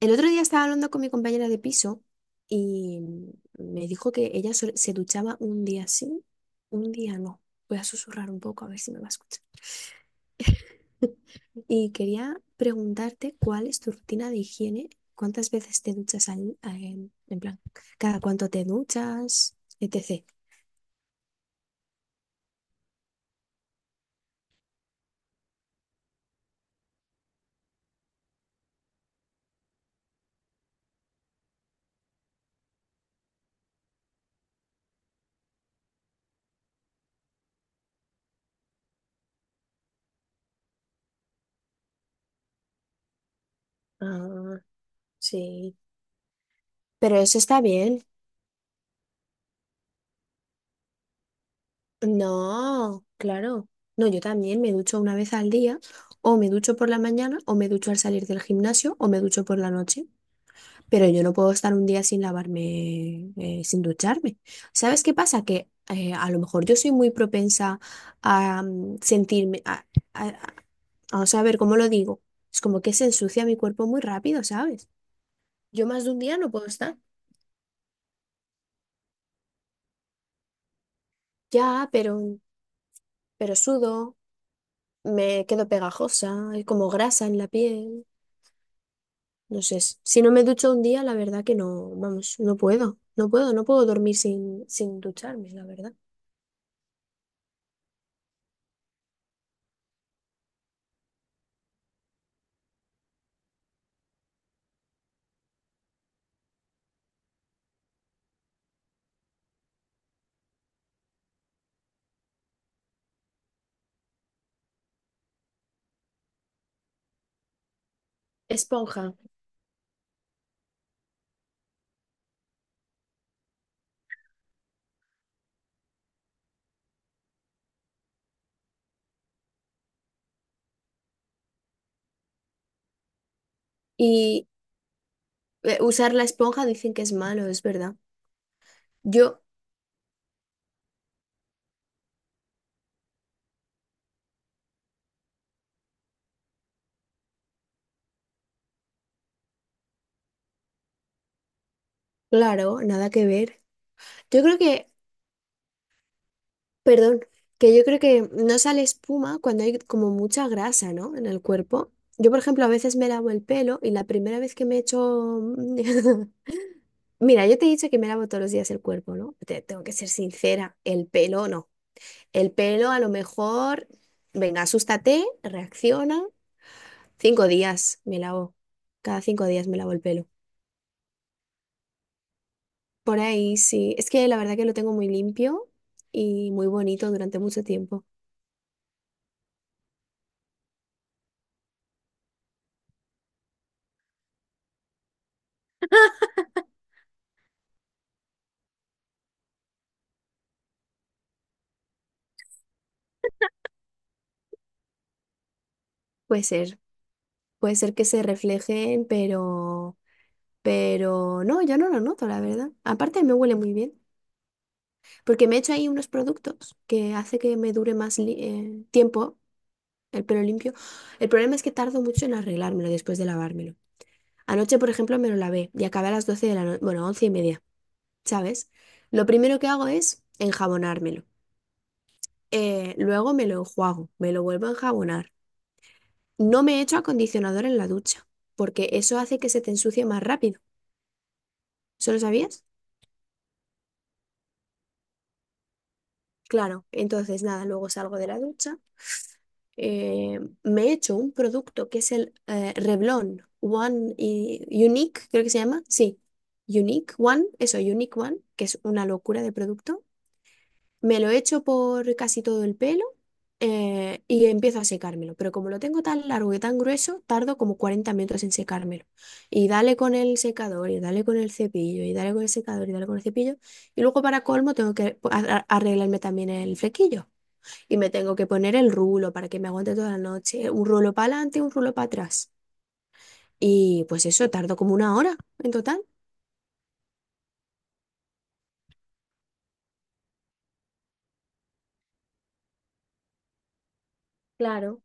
El otro día estaba hablando con mi compañera de piso y me dijo que ella se duchaba un día sí, un día no. Voy a susurrar un poco a ver si me va a escuchar. Y quería preguntarte cuál es tu rutina de higiene, cuántas veces te duchas en plan, cada cuánto te duchas, etc. Ah, sí. Pero eso está bien. No, claro. No, yo también me ducho una vez al día, o me ducho por la mañana, o me ducho al salir del gimnasio, o me ducho por la noche, pero yo no puedo estar un día sin lavarme, sin ducharme. ¿Sabes qué pasa? Que a lo mejor yo soy muy propensa a sentirme, a, vamos a ver cómo lo digo. Es como que se ensucia mi cuerpo muy rápido, ¿sabes? Yo más de un día no puedo estar. Ya, pero sudo, me quedo pegajosa, hay como grasa en la piel. No sé, si no me ducho un día, la verdad que no, vamos, no puedo, no puedo, no puedo dormir sin, sin ducharme, la verdad. Esponja. Y usar la esponja dicen que es malo, es verdad. Yo, claro, nada que ver. Yo creo que, perdón, que yo creo que no sale espuma cuando hay como mucha grasa, ¿no? En el cuerpo. Yo, por ejemplo, a veces me lavo el pelo y la primera vez que me echo... Mira, yo te he dicho que me lavo todos los días el cuerpo, ¿no? Te tengo que ser sincera, el pelo no. El pelo, a lo mejor, venga, asústate, reacciona. Cinco días me lavo. Cada cinco días me lavo el pelo. Por ahí sí. Es que la verdad que lo tengo muy limpio y muy bonito durante mucho tiempo. Puede ser. Puede ser que se reflejen, pero no, yo no lo noto, la verdad. Aparte me huele muy bien, porque me he hecho ahí unos productos que hace que me dure tiempo el pelo limpio. El problema es que tardo mucho en arreglármelo después de lavármelo. Anoche, por ejemplo, me lo lavé y acabé a las 12 de la noche, bueno, 11 y media, ¿sabes? Lo primero que hago es enjabonármelo. Luego me lo enjuago, me lo vuelvo a enjabonar. No me echo acondicionador en la ducha, porque eso hace que se te ensucie más rápido. ¿Eso lo sabías? Claro, entonces nada, luego salgo de la ducha, me echo un producto que es el Revlon Unique, creo que se llama. Sí, Unique One, eso, Unique One, que es una locura de producto. Me lo echo por casi todo el pelo y empiezo a secármelo. Pero como lo tengo tan largo y tan grueso, tardo como 40 minutos en secármelo. Y dale con el secador, y dale con el cepillo, y dale con el secador, y dale con el cepillo. Y luego para colmo tengo que arreglarme también el flequillo. Y me tengo que poner el rulo para que me aguante toda la noche. Un rulo para adelante, un rulo para atrás. Y pues eso, tardo como una hora en total. Claro,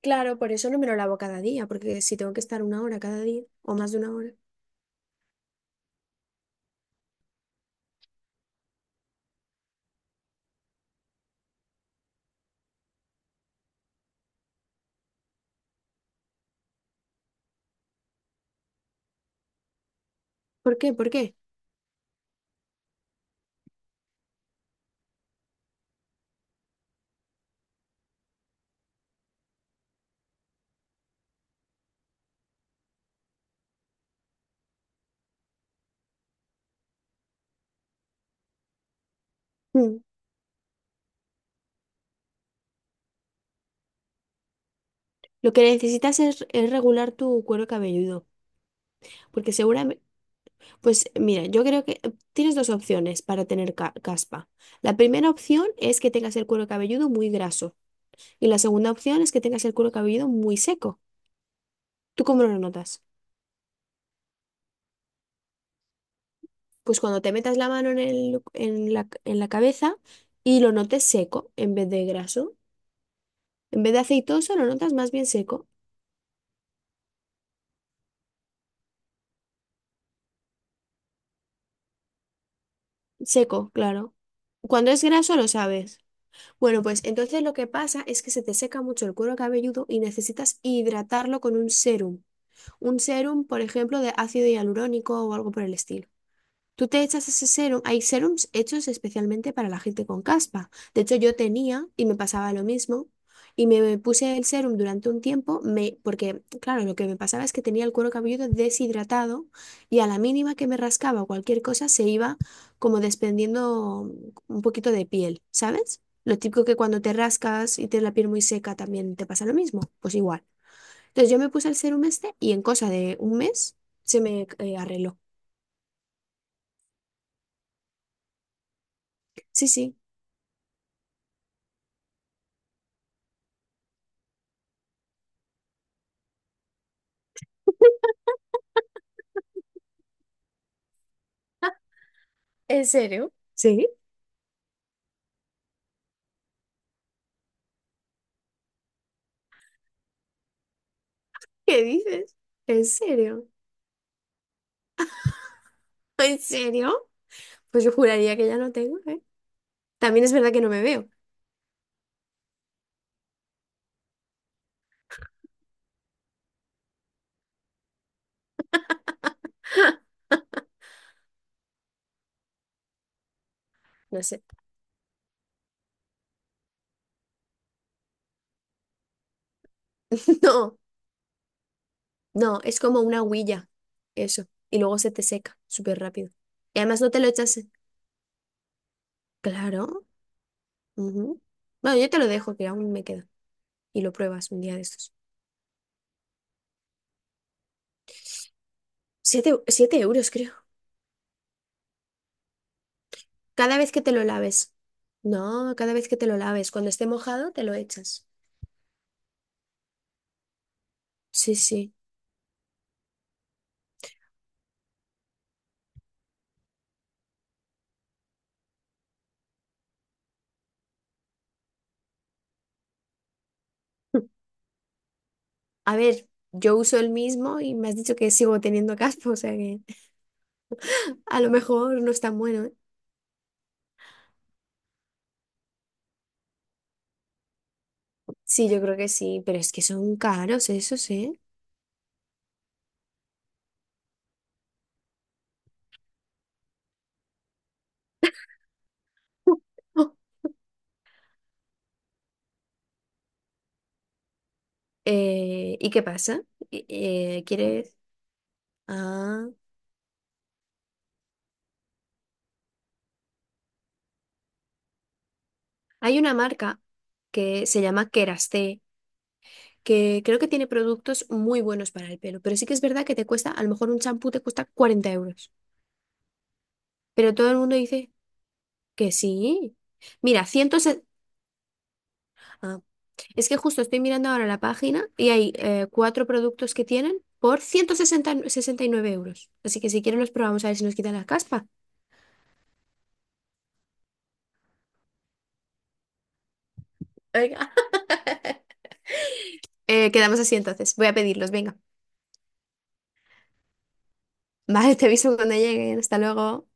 claro, por eso no me lo lavo cada día, porque si tengo que estar una hora cada día o más de una hora. ¿Por qué? ¿Por qué? Mm. Lo que necesitas es regular tu cuero cabelludo, porque seguramente, pues mira, yo creo que tienes dos opciones para tener caspa. La primera opción es que tengas el cuero cabelludo muy graso y la segunda opción es que tengas el cuero cabelludo muy seco. ¿Tú cómo lo notas? Pues cuando te metas la mano en la cabeza y lo notes seco en vez de graso, en vez de aceitoso lo notas más bien seco. Seco, claro. Cuando es graso lo sabes. Bueno, pues entonces lo que pasa es que se te seca mucho el cuero cabelludo y necesitas hidratarlo con un serum. Un serum, por ejemplo, de ácido hialurónico o algo por el estilo. Tú te echas ese serum. Hay serums hechos especialmente para la gente con caspa. De hecho, yo tenía y me pasaba lo mismo. Y me puse el serum durante un tiempo, me, porque, claro, lo que me pasaba es que tenía el cuero cabelludo deshidratado y a la mínima que me rascaba o cualquier cosa se iba como desprendiendo un poquito de piel, ¿sabes? Lo típico que cuando te rascas y tienes la piel muy seca también te pasa lo mismo, pues igual. Entonces yo me puse el serum este y en cosa de un mes se me arregló. Sí, sí. ¿En serio? ¿Sí? ¿Qué dices? ¿En serio? ¿En serio? Pues yo juraría que ya no tengo, ¿eh? También es verdad que no me veo. ¡Ja! No sé. No, no, es como una huilla. Eso. Y luego se te seca súper rápido. Y además no te lo echas. Claro. Ujú. Bueno, yo te lo dejo, que aún me queda. Y lo pruebas un día de estos. 7, 7 euros, creo. Cada vez que te lo laves. No, cada vez que te lo laves. Cuando esté mojado, te lo echas. Sí, sí. A ver, yo uso el mismo y me has dicho que sigo teniendo caspa, o sea que a lo mejor no es tan bueno, ¿eh? Sí, yo creo que sí, pero es que son caros esos, ¿eh? ¿Y qué pasa? ¿Quieres? Ah, hay una marca que se llama Keraste, que creo que tiene productos muy buenos para el pelo, pero sí que es verdad que te cuesta, a lo mejor un champú te cuesta 40 euros, pero todo el mundo dice que sí. Mira, 160... Es que justo estoy mirando ahora la página y hay cuatro productos que tienen por 169 euros. Así que si quieren los probamos a ver si nos quitan la caspa. Venga. Quedamos así entonces. Voy a pedirlos, venga. Vale, te aviso cuando lleguen. Hasta luego.